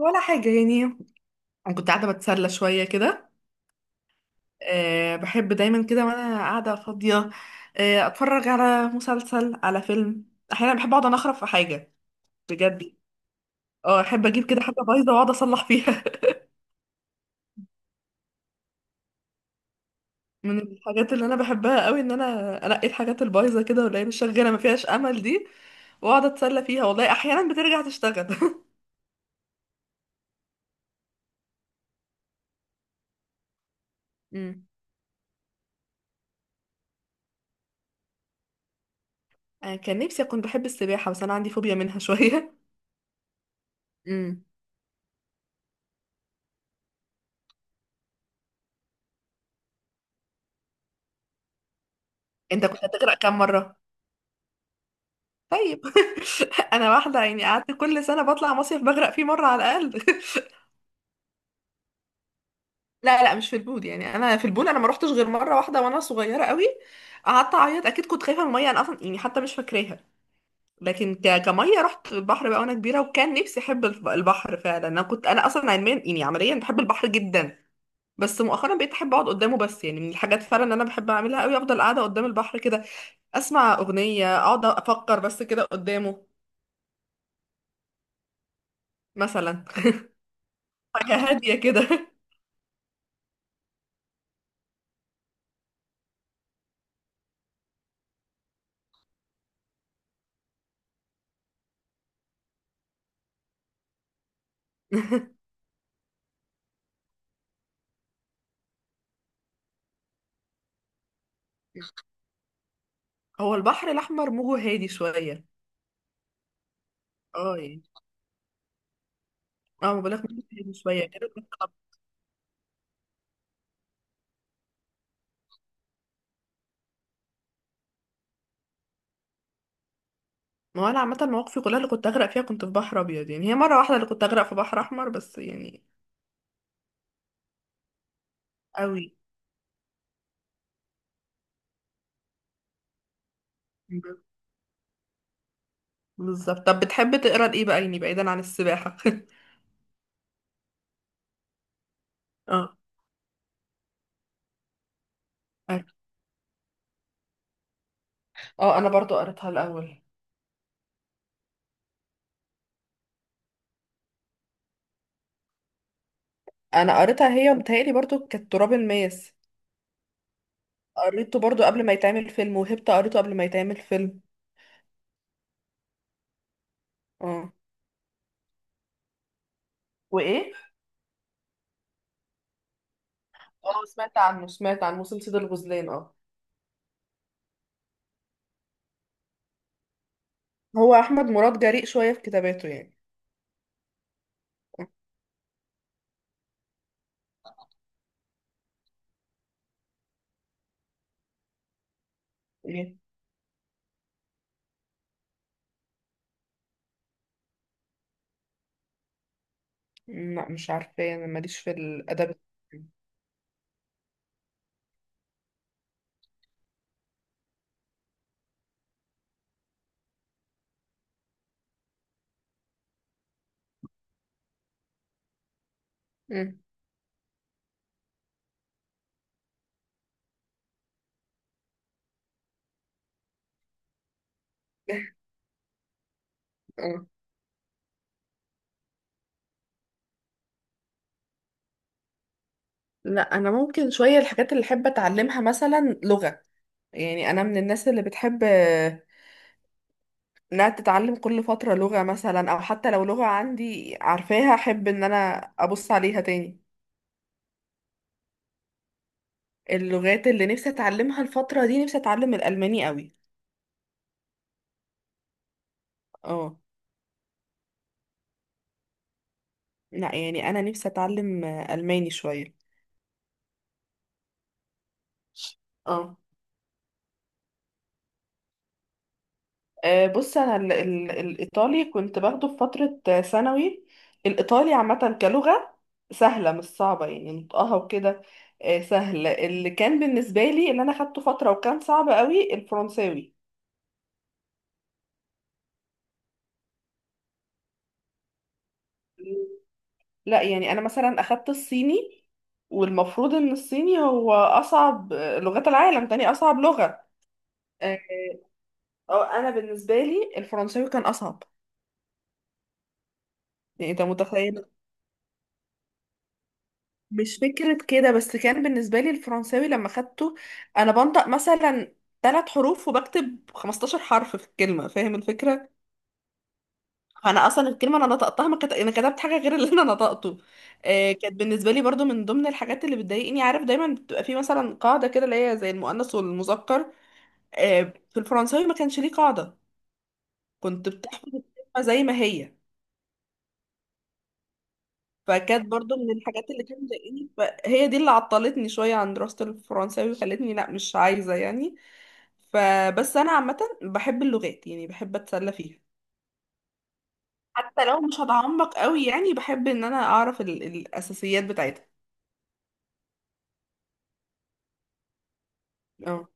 ولا حاجة يعني. أنا كنت قاعدة بتسلى شوية كده. أه بحب دايما كده وأنا قاعدة فاضية. أه أتفرج على مسلسل على فيلم. أحيانا بحب أقعد أنخرف في حاجة بجد. اه أحب أجيب كده حاجة بايظة وأقعد أصلح فيها من الحاجات اللي أنا بحبها قوي إن أنا أنقي الحاجات البايظة كده واللي هي مش شغالة ما فيهاش أمل دي، وأقعد أتسلى فيها والله أحيانا بترجع تشتغل أمم. أنا كان نفسي أكون بحب السباحة بس أنا عندي فوبيا منها شوية. أمم. أنت كنت هتغرق كام مرة؟ طيب انا واحده يعني قعدت كل سنه بطلع مصيف بغرق فيه مره على الاقل. لا لا مش في البول، يعني انا في البول انا ما روحتش غير مره واحده وانا صغيره قوي. قعدت اعيط اكيد كنت خايفه من الميه، انا اصلا يعني حتى مش فاكراها. لكن كميه رحت البحر بقى وانا كبيره، وكان نفسي احب البحر فعلا. انا كنت انا اصلا علميا يعني عمليا بحب البحر جدا، بس مؤخرا بقيت احب اقعد قدامه بس. يعني من الحاجات فعلا اللي انا بحب اعملها قوي افضل قاعده قدام البحر كده، اسمع اغنيه اقعد افكر بس كده قدامه. مثلا حاجه هاديه كده. هو البحر الأحمر موجه هادي شوية. اه يعني. اه ما بقولك موجه هادي شوية كده كنت ما هو أنا عامة مواقفي كلها اللي كنت أغرق فيها كنت في بحر أبيض. يعني هي مرة واحدة اللي كنت أغرق في بحر أحمر بس يعني. أوي. بالظبط. طب بتحب تقرا لإيه بقى؟ يعني بعيدا عن السباحة اه. اه أنا برضو قريتها الأول. أنا قريتها هي ومتهيألي برضو كانت تراب الماس. قريته برضو قبل ما يتعمل فيلم، وهبت قريته قبل ما يتعمل فيلم. اه. وايه؟ اه سمعت عنه، سمعت عن موسم سيد الغزلان. اه. هو احمد مراد جريء شويه في كتاباته يعني. ايه. لا مش عارفه، انا ماليش في الادب. مم. اه. لا انا ممكن شويه، الحاجات اللي احب اتعلمها مثلا لغه. يعني انا من الناس اللي بتحب انها تتعلم كل فتره لغه، مثلا او حتى لو لغه عندي عارفاها احب ان انا ابص عليها تاني. اللغات اللي نفسي اتعلمها الفتره دي نفسي اتعلم الالماني قوي. اه. لا يعني انا نفسي اتعلم الماني شويه. اه. بص انا ال ال الايطالي كنت باخده في فتره ثانوي. الايطالي عامه كلغه سهله مش صعبه، يعني نطقها وكده سهل. اللي كان بالنسبه لي اللي انا اخدته فتره وكان صعب قوي الفرنساوي. لا يعني انا مثلا اخدت الصيني، والمفروض ان الصيني هو اصعب لغات العالم، تاني اصعب لغه. آه، أو انا بالنسبه لي الفرنساوي كان اصعب. يعني انت متخيل. مش فكرة كده، بس كان بالنسبة لي الفرنساوي لما خدته أنا بنطق مثلا ثلاث حروف وبكتب 15 حرف في الكلمة، فاهم الفكرة؟ فأنا أصلا الكلمة أنا نطقتها ما كت... أنا كتبت حاجة غير اللي أنا نطقته. آه، كانت بالنسبة لي برضو من ضمن الحاجات اللي بتضايقني، عارف دايما بتبقى في مثلا قاعدة كده اللي هي زي المؤنث والمذكر. آه. في الفرنساوي ما كانش ليه قاعدة، كنت بتحفظ الكلمة زي ما هي. فكانت برضو من الحاجات اللي كانت مضايقاني، فهي دي اللي عطلتني شوية عن دراسة الفرنساوي وخلتني لا مش عايزة يعني. فبس انا عامه بحب اللغات يعني بحب اتسلى فيها، حتى لو مش هتعمق قوي يعني بحب ان انا اعرف الاساسيات بتاعتها. اه.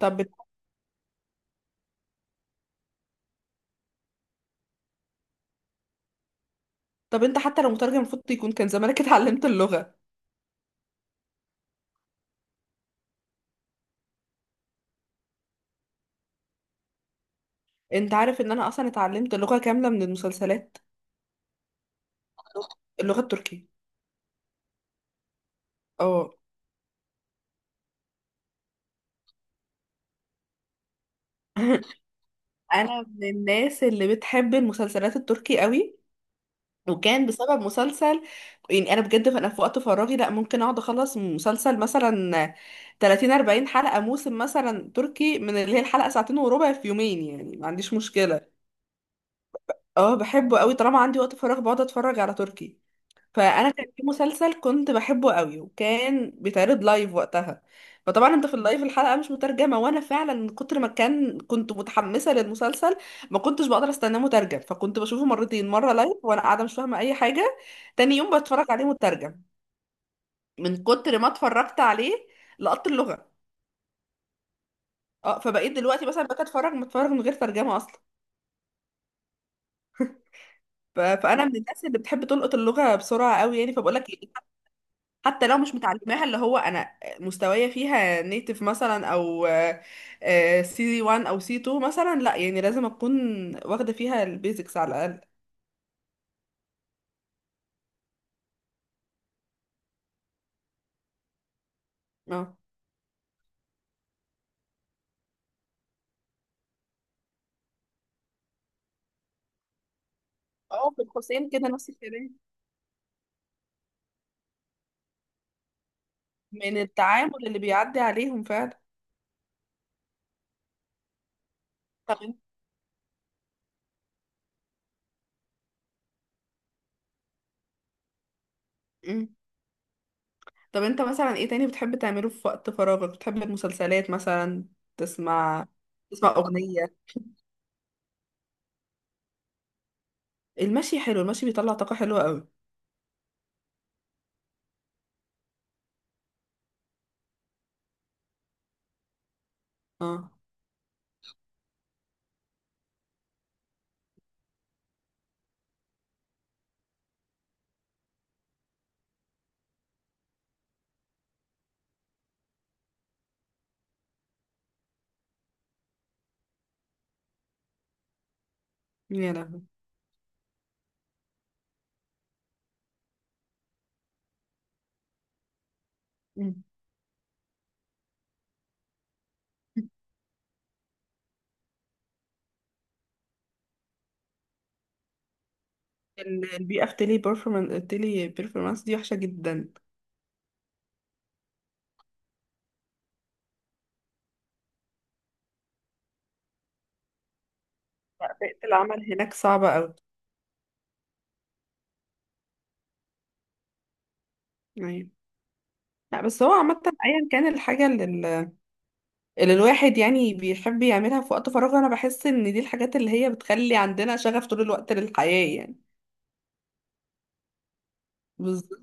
طب. طب انت حتى لو مترجم المفروض يكون كان زمانك اتعلمت اللغه. انت عارف ان انا اصلا اتعلمت لغه كامله من المسلسلات؟ اللغه التركيه. اه. انا من الناس اللي بتحب المسلسلات التركي قوي، وكان بسبب مسلسل. يعني انا بجد انا في وقت فراغي لا ممكن اقعد اخلص مسلسل مثلا 30 40 حلقة، موسم مثلا تركي من اللي هي الحلقة ساعتين وربع في يومين يعني ما عنديش مشكلة. اه بحبه قوي، طالما عندي وقت فراغ بقعد اتفرج على تركي. فانا كان في مسلسل كنت بحبه قوي وكان بيتعرض لايف وقتها، فطبعا انت في اللايف الحلقه مش مترجمه، وانا فعلا من كتر ما كان كنت متحمسه للمسلسل ما كنتش بقدر استناه مترجم، فكنت بشوفه مرتين، مره لايف وانا قاعده مش فاهمه اي حاجه، تاني يوم بتفرج عليه مترجم. من كتر ما اتفرجت عليه لقطت اللغه. اه فبقيت دلوقتي مثلا بقيت اتفرج متفرج من غير ترجمه اصلا. فانا من الناس اللي بتحب تلقط اللغه بسرعه قوي يعني، فبقول لك إيه، حتى لو مش متعلماها، اللي هو انا مستوايا فيها نيتف مثلا او سي 1 او سي 2 مثلا، لا يعني لازم اكون واخده فيها البيزكس على الاقل. اه. اه في القوسين كده نفس الكلام، من التعامل اللي بيعدي عليهم فعلا. طب انت مم. طب انت مثلا ايه تاني بتحب تعمله في وقت فراغك؟ بتحب المسلسلات مثلا، تسمع تسمع اغنيه. المشي حلو، المشي بيطلع طاقه حلوه قوي. اه. يا لهوي. مم. البيئة في تيلي بيرفورمانس، تيلي بيرفورمانس دي وحشة جدا. بيئة العمل هناك صعبة أوي. أيوة. لا بس هو عامة أيا كان الحاجة اللي اللي الواحد يعني بيحب يعملها في وقت فراغه أنا بحس إن دي الحاجات اللي هي بتخلي عندنا شغف طول الوقت للحياة يعني. بالظبط.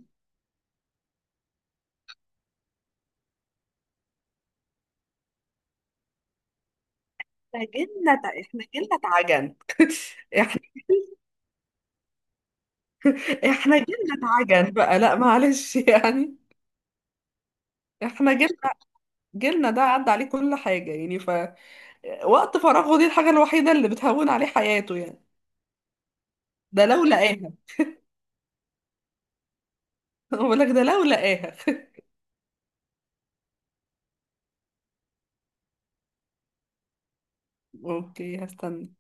احنا جيلنا اتعجن احنا احنا جيلنا اتعجن بقى لا معلش يعني. احنا جيلنا، جيلنا ده عدى عليه كل حاجة يعني، ف وقت فراغه دي الحاجة الوحيدة اللي بتهون عليه حياته يعني. ده لو لقاه. بقول لك ده لو لقاها اوكي هستنى.